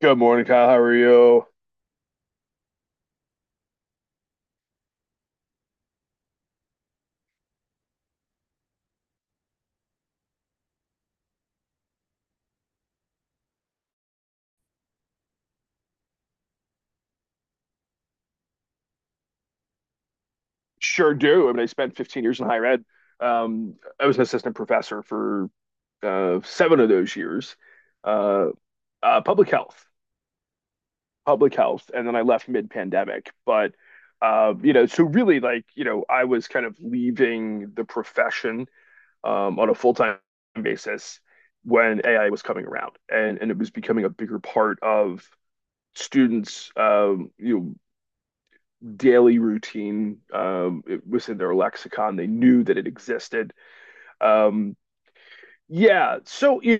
Good morning, Kyle. How are you? Sure do. I mean, I spent 15 years in higher ed. I was an assistant professor for seven of those years, uh, uh, public health, public health, and then I left mid-pandemic. But so really, I was kind of leaving the profession on a full-time basis when AI was coming around, and it was becoming a bigger part of students, daily routine. It was in their lexicon. They knew that it existed. Um, yeah. So, you,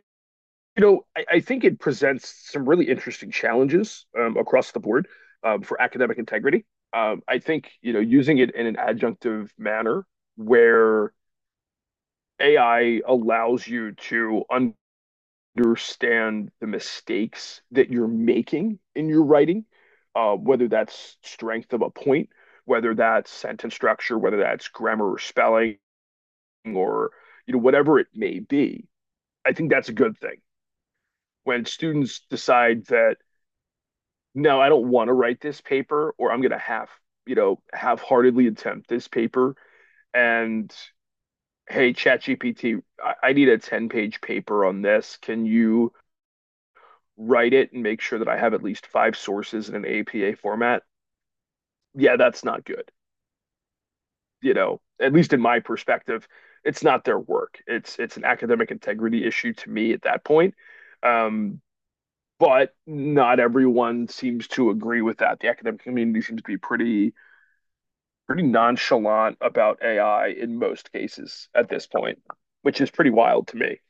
I think it presents some really interesting challenges across the board for academic integrity. I think, you know, using it in an adjunctive manner where AI allows you to understand the mistakes that you're making in your writing, whether that's strength of a point, whether that's sentence structure, whether that's grammar or spelling, or you know whatever it may be. I think that's a good thing when students decide that no, I don't want to write this paper, or I'm going to half-heartedly attempt this paper, and hey, ChatGPT, I need a 10-page paper on this. Can you write it and make sure that I have at least five sources in an APA format, yeah, that's not good. You know, at least in my perspective, it's not their work. It's an academic integrity issue to me at that point. Um, but not everyone seems to agree with that. The academic community seems to be pretty nonchalant about AI in most cases at this point, which is pretty wild to me.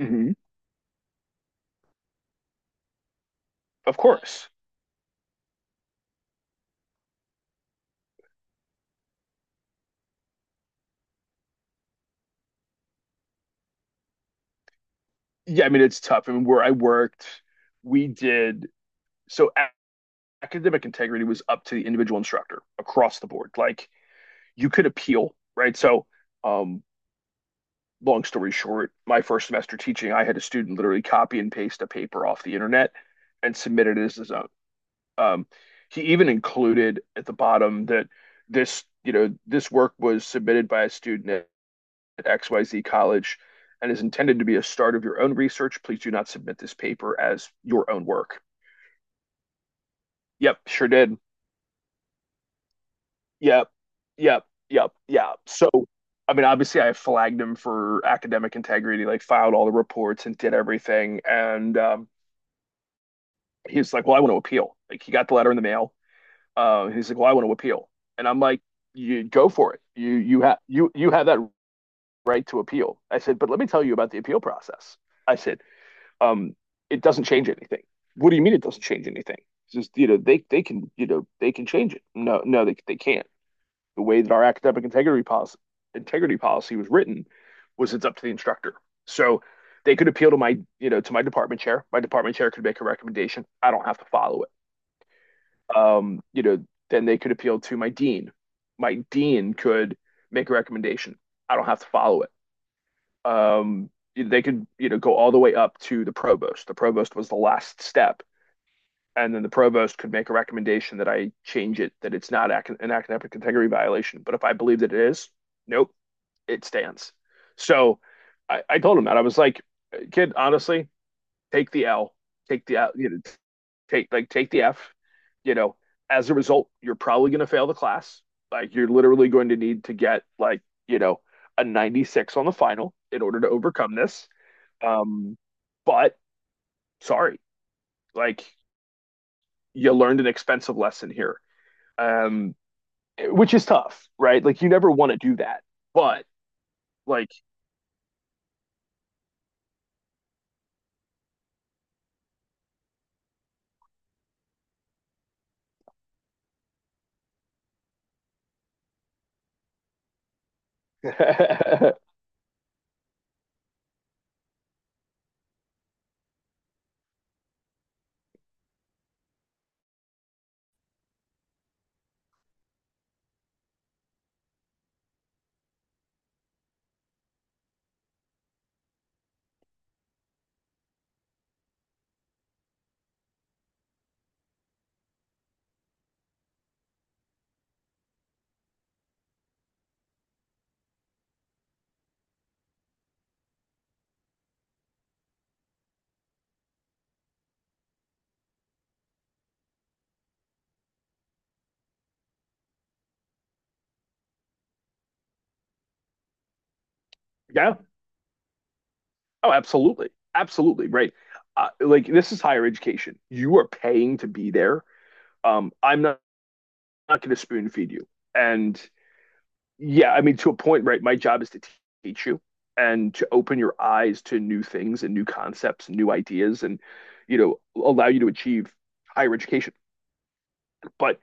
Mm-hmm. Of course, yeah. I mean, it's tough. I mean, where I worked, we did so academic integrity was up to the individual instructor across the board. Like you could appeal, right? So, um, long story short, my first semester teaching, I had a student literally copy and paste a paper off the internet and submit it as his own. Um, he even included at the bottom that this, you know, this work was submitted by a student at XYZ college and is intended to be a start of your own research. Please do not submit this paper as your own work. Yep, sure did. Yep. Yep. Yeah. So, I mean, obviously, I flagged him for academic integrity, like filed all the reports and did everything. And he's like, "Well, I want to appeal." Like, he got the letter in the mail. He's like, "Well, I want to appeal," and I'm like, "You go for it. You have you have that right to appeal." I said, "But let me tell you about the appeal process." I said, um, "It doesn't change anything." What do you mean it doesn't change anything? It's just you know they can you know they can change it. No, no, they can't. The way that our academic integrity policy was written was it's up to the instructor. So they could appeal to my, you know, to my department chair. My department chair could make a recommendation. I don't have to follow it. You know, then they could appeal to my dean. My dean could make a recommendation. I don't have to follow it. Um, they could, you know, go all the way up to the provost. The provost was the last step, and then the provost could make a recommendation that I change it, that it's not an academic integrity violation. But if I believe that it is, nope, it stands. So I told him that I was like, kid, honestly, take the L, take the L, you know, take like take the F. You know, as a result, you're probably going to fail the class. Like you're literally going to need to get like you know a 96 on the final in order to overcome this. Um, but sorry, like you learned an expensive lesson here, um, which is tough, right? Like you never want to do that, but like yeah. Oh, absolutely. Absolutely. Right. Like this is higher education. You are paying to be there. I'm not, not going to spoon feed you. And yeah, I mean, to a point, right? My job is to teach you and to open your eyes to new things and new concepts and new ideas and, you know, allow you to achieve higher education. But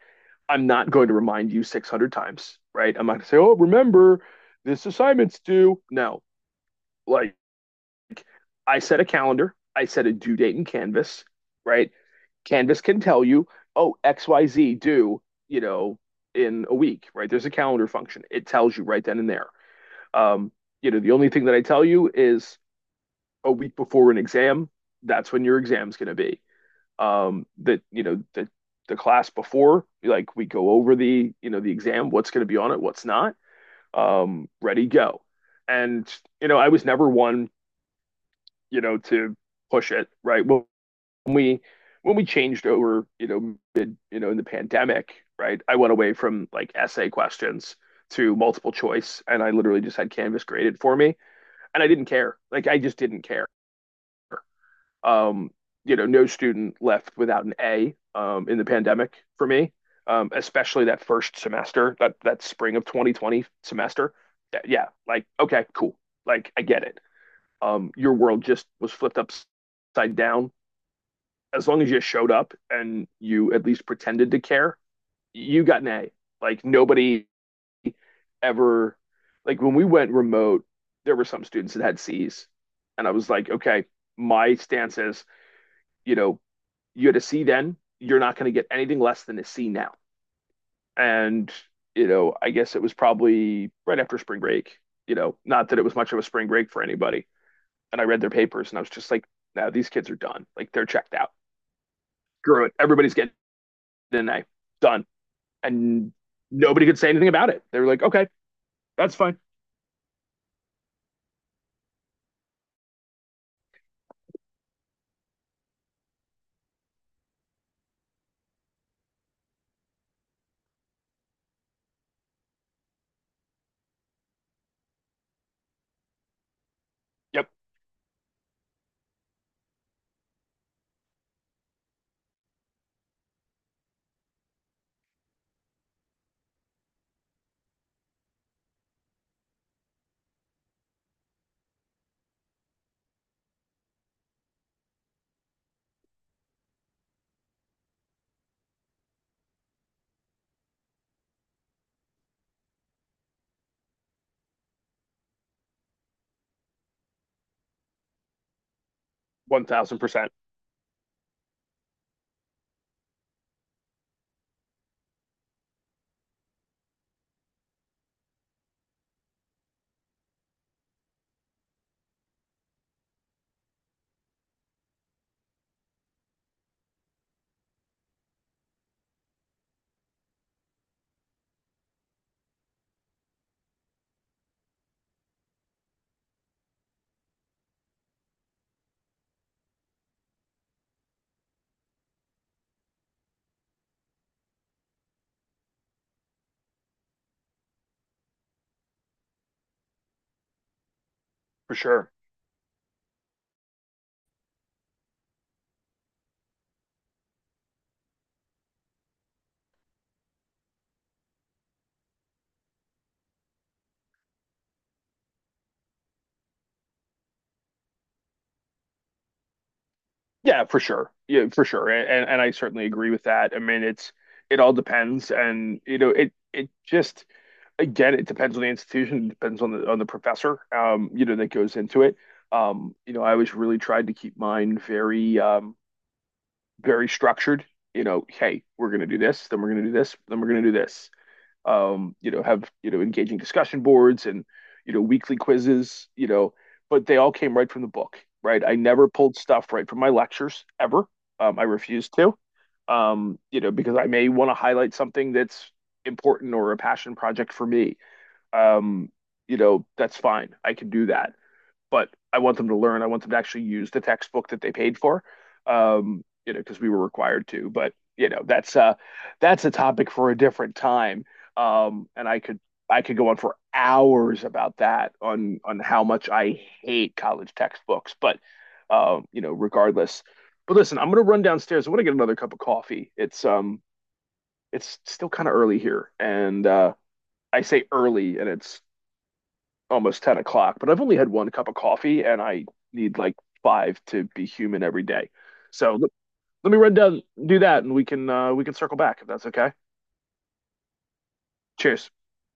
I'm not going to remind you 600 times, right? I'm not going to say, oh, remember this assignment's due. No, like I set a calendar, I set a due date in Canvas, right? Canvas can tell you, oh, XYZ due, you know, in a week, right? There's a calendar function. It tells you right then and there. Um, you know, the only thing that I tell you is a week before an exam, that's when your exam's going to be. That, you know, The class before, like we go over the, you know, the exam, what's going to be on it, what's not, ready, go. And, you know, I was never one, you know, to push it, right? Well, when we when we changed over, you know, mid, you know, in the pandemic, right? I went away from like essay questions to multiple choice, and I literally just had Canvas graded for me, and I didn't care. Like I just didn't care. Um, you know, no student left without an A in the pandemic for me, especially that first semester, that spring of 2020 semester. Yeah, like okay, cool. Like I get it. Your world just was flipped upside down as long as you showed up and you at least pretended to care, you got an A. Like nobody ever, like when we went remote, there were some students that had C's, and I was like, okay, my stance is, you know, you had a C then, you're not going to get anything less than a C now. And you know, I guess it was probably right after spring break. You know, not that it was much of a spring break for anybody. And I read their papers, and I was just like, now these kids are done. Like they're checked out. Screw it. Everybody's getting the knife. Done. And nobody could say anything about it. They were like, okay, that's fine. Yep, 1000% for sure. Yeah, for sure. Yeah, for sure. And I certainly agree with that. I mean, it's it all depends and you know, it just again, it depends on the institution, it depends on the professor, you know, that goes into it. You know, I always really tried to keep mine very very structured. You know, hey, we're gonna do this, then we're gonna do this, then we're gonna do this. You know, have, you know, engaging discussion boards and, you know, weekly quizzes, you know, but they all came right from the book, right? I never pulled stuff right from my lectures ever. I refused to, you know, because I may want to highlight something that's important or a passion project for me. Um, you know, that's fine. I can do that but I want them to learn. I want them to actually use the textbook that they paid for, you know, because we were required to. But you know, that's a topic for a different time. And I could go on for hours about that on how much I hate college textbooks. But you know, regardless. But listen, I'm gonna run downstairs. I want to get another cup of coffee. It's still kind of early here, and I say early, and it's almost 10 o'clock, but I've only had one cup of coffee and I need like five to be human every day. So let me run down, do that, and we can circle back if that's okay. Cheers.